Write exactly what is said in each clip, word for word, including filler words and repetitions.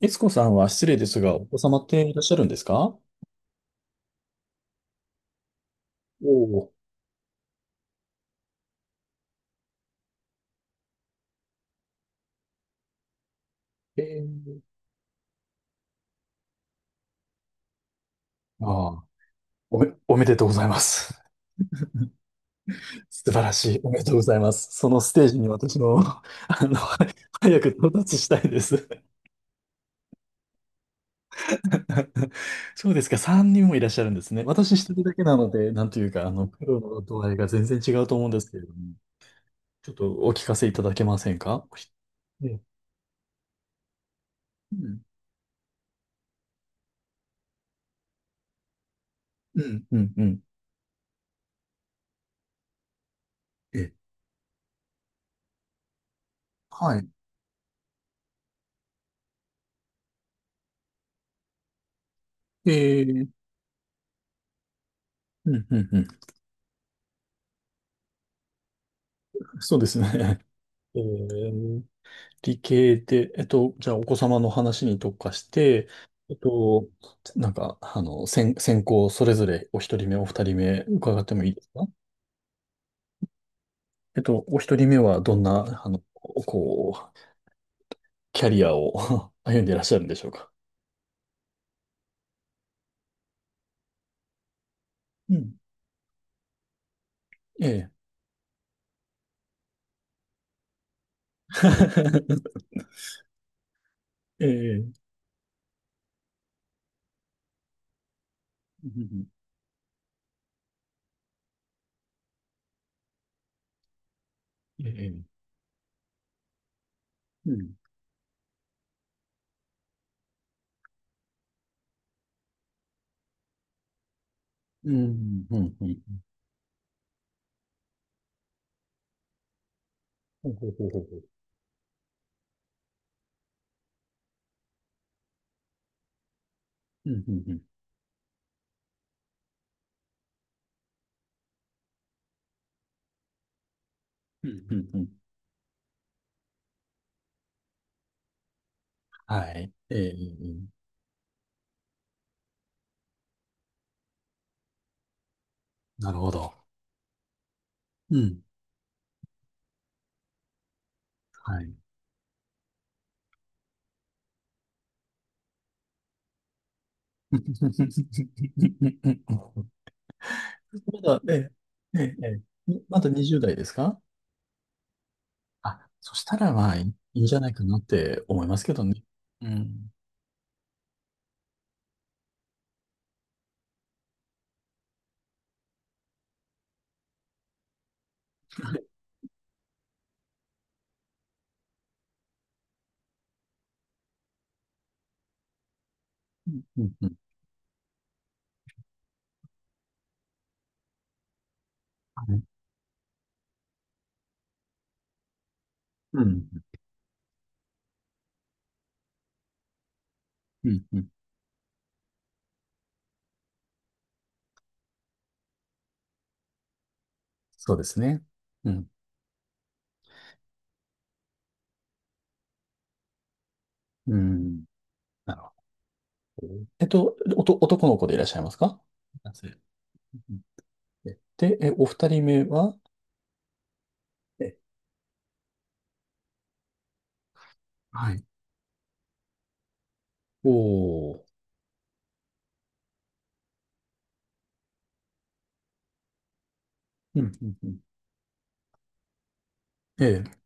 いつこさんは失礼ですが、お子様っていらっしゃるんですか？おおー。えーああ、おめ、おめでとうございます。素晴らしい。おめでとうございます。そのステージに私の、あの、早く到達したいです。そうですか。さんにんもいらっしゃるんですね。私一人だけなので、なんというか、あの、苦労の度合いが全然違うと思うんですけれども、ちょっとお聞かせいただけませんか？ええ、うん、うん、うん、うん。ええ、はい。ええ、うん、うん、うん。そうですね。ええ。理系で、えっと、じゃあお子様の話に特化して、えっと、なんか、あの、先、先行それぞれお一人目、お二人目伺ってもいいですか？えっと、お一人目はどんな、あの、こう、キャリアを 歩んでいらっしゃるんでしょうか？うん。ええ。ええ。うん、うん、ええ。うん。うん。うん。うん。ほうほうほうほうほう。うん。うん。うん。うん。うん、うん、はい。ええ。なるほど。うん。はい。まだ、ええ、ええ、ええ、まだにじゅう代ですか？あ、そしたらまあ、いいいいんじゃないかなって思いますけどね。うん。うん、うん、はい。うん、うん、うん。そうですね。うん、うん。なるほど。えっと、おと、男の子でいらっしゃいますか？男性。うん。え、で、え、お二人目は？え、はい。おー。うん、うん、うん。ええ、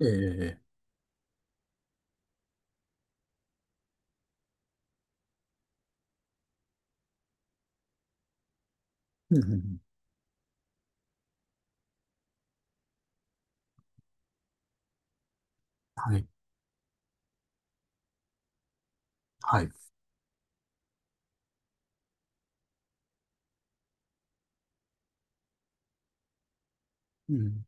ええ、ええ、うん、うん、うん。はい、はい。うん、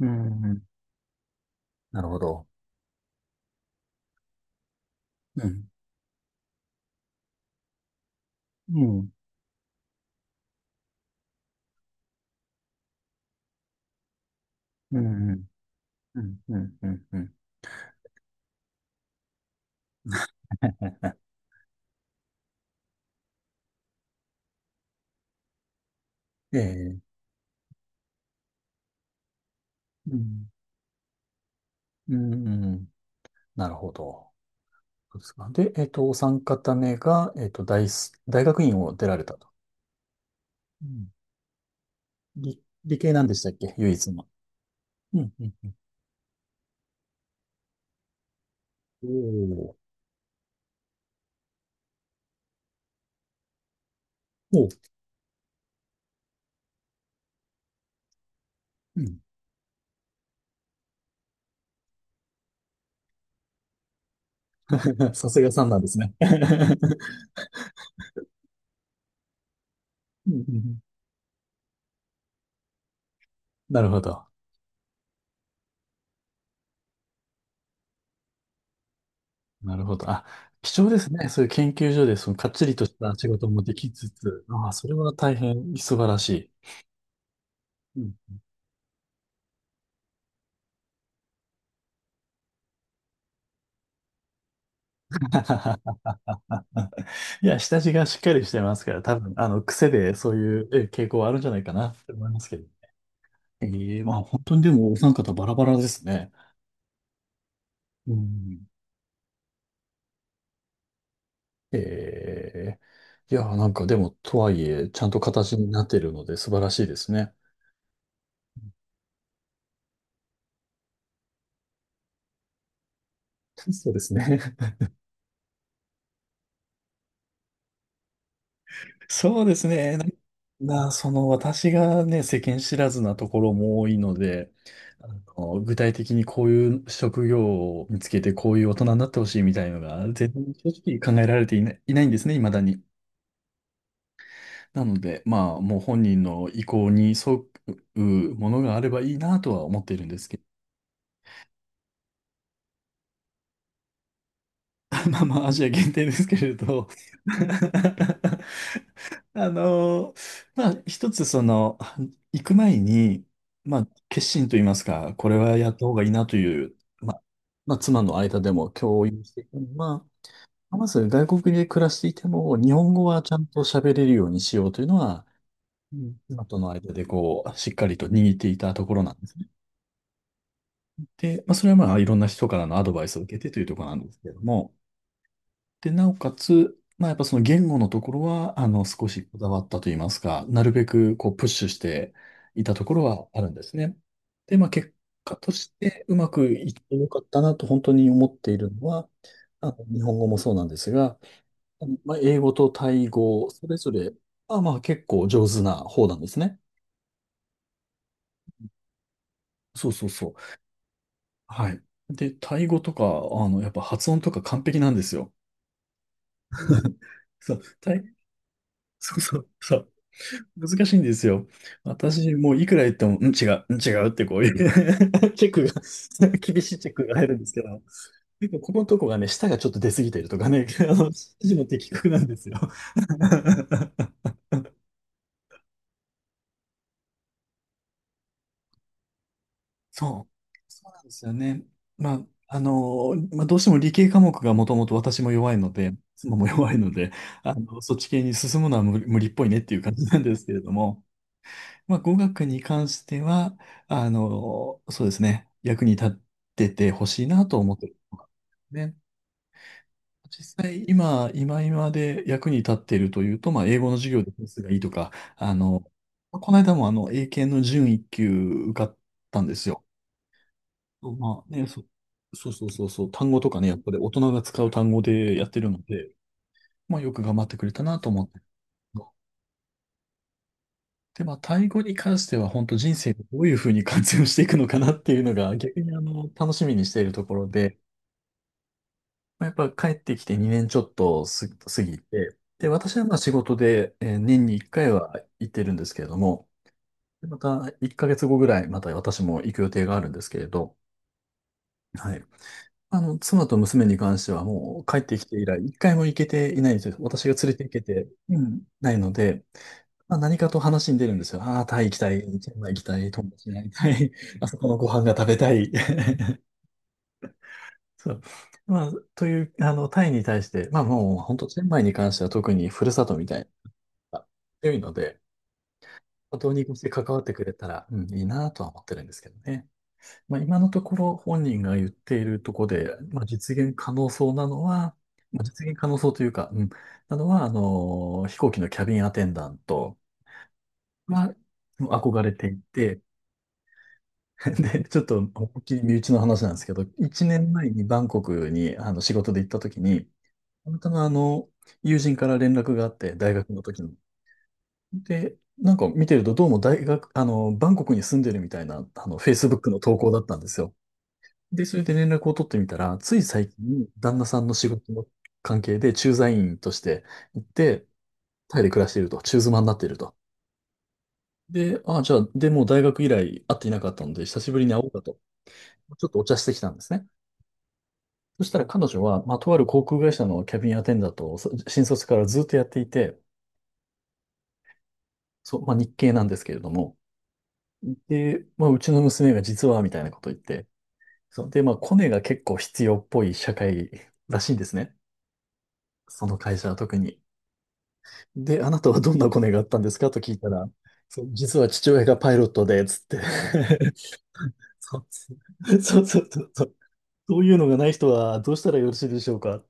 うん、うん、うん、はい、はい、うん、うん、なるほど。うん。うん。うん。うん。うん。うん。うん、うん、ええ。うん。うん。うん。なるほど。そうですか。で、えっと、お三方目が、えっと、大す、大学院を出られたと。うん。理、理系なんでしたっけ、唯一の？うん。うん。うん、おーおー。うん。さすがさんなんですね。うん、うん、うん、なるほど。なるほど。あ、貴重ですね。そういう研究所で、その、かっちりとした仕事もできつつ、ああ、それは大変素晴らしい。うん。 いや、下地がしっかりしてますから、多分、あの、癖でそういうえ傾向はあるんじゃないかなって思いますけど。ええ。まあ本当に、でもお三方バラバラですね。うん。ええ。いや、なんかでも、とはいえ、ちゃんと形になっているので素晴らしいですね。そうですね。そうですね。な、なその私がね、世間知らずなところも多いので、あの、具体的にこういう職業を見つけて、こういう大人になってほしいみたいのが、全然正直考えられていない、いないんですね、未だに。なので、まあ、もう本人の意向に沿うものがあればいいなとは思っているんですけど、まあまあ、アジア限定ですけれど。あのーまあ、一つその、行く前に、まあ、決心と言いますか、これはやった方がいいなという、まあ、まあ、妻の間でも共有していくのは、まず外国で暮らしていても、日本語はちゃんと喋れるようにしようというのは、うん、妻との間でこう、しっかりと握っていたところなんですね。で、まあ、それはまあ、いろんな人からのアドバイスを受けてというところなんですけれども、で、なおかつ、まあ、やっぱその言語のところは、あの、少しこだわったといいますか、なるべく、こう、プッシュしていたところはあるんですね。で、まあ、結果として、うまくいってよかったなと本当に思っているのは、あの、日本語もそうなんですが、あのまあ、英語とタイ語、それぞれ、まあまあ、結構上手な方なんですね。そうそうそう。はい。で、タイ語とか、あの、やっぱ発音とか完璧なんですよ。そう、タイ、そうそう、そう。難しいんですよ。私、もういくら言っても、うん、違う、うん、違うってこういう チェックが、厳しいチェックが入るんですけど、結構ここのとこがね、舌がちょっと出過ぎてるとかね、あの、指示も的確なんですよ。そう。そうなんですよね。まあ、あの、まあ、どうしても理系科目がもともと私も弱いので、妻も弱いので、あの、そっち系に進むのは無無理っぽいねっていう感じなんですけれども、まあ、語学に関しては、あの、そうですね、役に立っててほしいなと思ってるのがね。実際、今、今今で役に立っているというと、まあ、英語の授業で点数がいいとか、あの、この間もあの、英検の準一級受かったんですよ。まあね、そ、そうそうそうそう、単語とかね、やっぱり大人が使う単語でやってるので、まあ、よく頑張ってくれたなと思って。で、まあ、タイ語に関しては、本当人生でどういうふうに活用していくのかなっていうのが、逆にあの、楽しみにしているところで、まあ、やっぱ帰ってきてにねんちょっとす過ぎて、で、私はまあ仕事で、えー年にいっかいは行ってるんですけれども、でまたいっかげつごぐらい、また私も行く予定があるんですけれど、はい。あの、妻と娘に関してはもう帰ってきて以来、いっかいも行けていないんですよ。私が連れて行けて、うん、ないので、まあ、何かと話に出るんですよ。ああ、タイ行きたい、チェンマイ行きたい、友達に会いたい、あそこのご飯が食べたい。そう。まあ、という、あの、タイに対して、まあもう、本当チェンマイに関しては特にふるさとみたいな、強いので、ど当にこして関わってくれたら、うん、いいなとは思ってるんですけどね。まあ、今のところ本人が言っているところで、まあ、実現可能そうなのは、まあ、実現可能そうというか、うん、なのは、あの、飛行機のキャビンアテンダントは、もう憧れていて、で、ちょっと、思いっきり身内の話なんですけど、いちねんまえにバンコクにあの仕事で行った時に、たまたまあの、友人から連絡があって、大学の時の。で、なんか見てると、どうも大学、あの、バンコクに住んでるみたいな、あの、Facebook の投稿だったんですよ。で、それで連絡を取ってみたら、つい最近、旦那さんの仕事の関係で駐在員として行って、タイで暮らしていると、中妻になっていると。で、ああ、じゃあ、でもう大学以来会っていなかったので、久しぶりに会おうかと、ちょっとお茶してきたんですね。そしたら彼女は、まあ、とある航空会社のキャビンアテンダントをそ新卒からずっとやっていて、そう、まあ、日系なんですけれども、で、まあ、うちの娘が実は、みたいなこと言って、そう、で、まあ、コネが結構必要っぽい社会らしいんですね。その会社は特に。で、あなたはどんなコネがあったんですかと聞いたら、そう、実は父親がパイロットで、つって。そうそうそうそうそう。そういうのがない人はどうしたらよろしいでしょうか？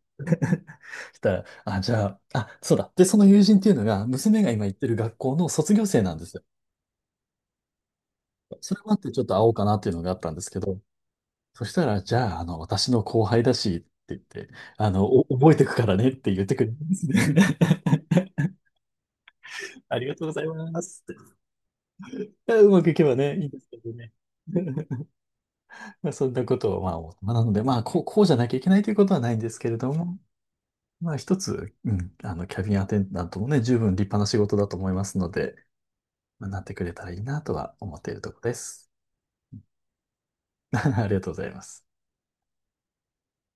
したら、あ、じゃあ、あ、そうだ。で、その友人っていうのが、娘が今行ってる学校の卒業生なんですよ。それもあってちょっと会おうかなっていうのがあったんですけど、そしたら、じゃあ、あの、私の後輩だし、って言って、あの、お覚えてくからねって言ってくれるんですね。ありがとうございますって。うまくいけばね、いいんですけどね。まあ、そんなことを、まあ、大人なので、まあ、こう、こうじゃなきゃいけないということはないんですけれども、まあ、一つ、うん、あの、キャビンアテンダントもね、十分立派な仕事だと思いますので、なってくれたらいいなとは思っているところです。ありがとうございます。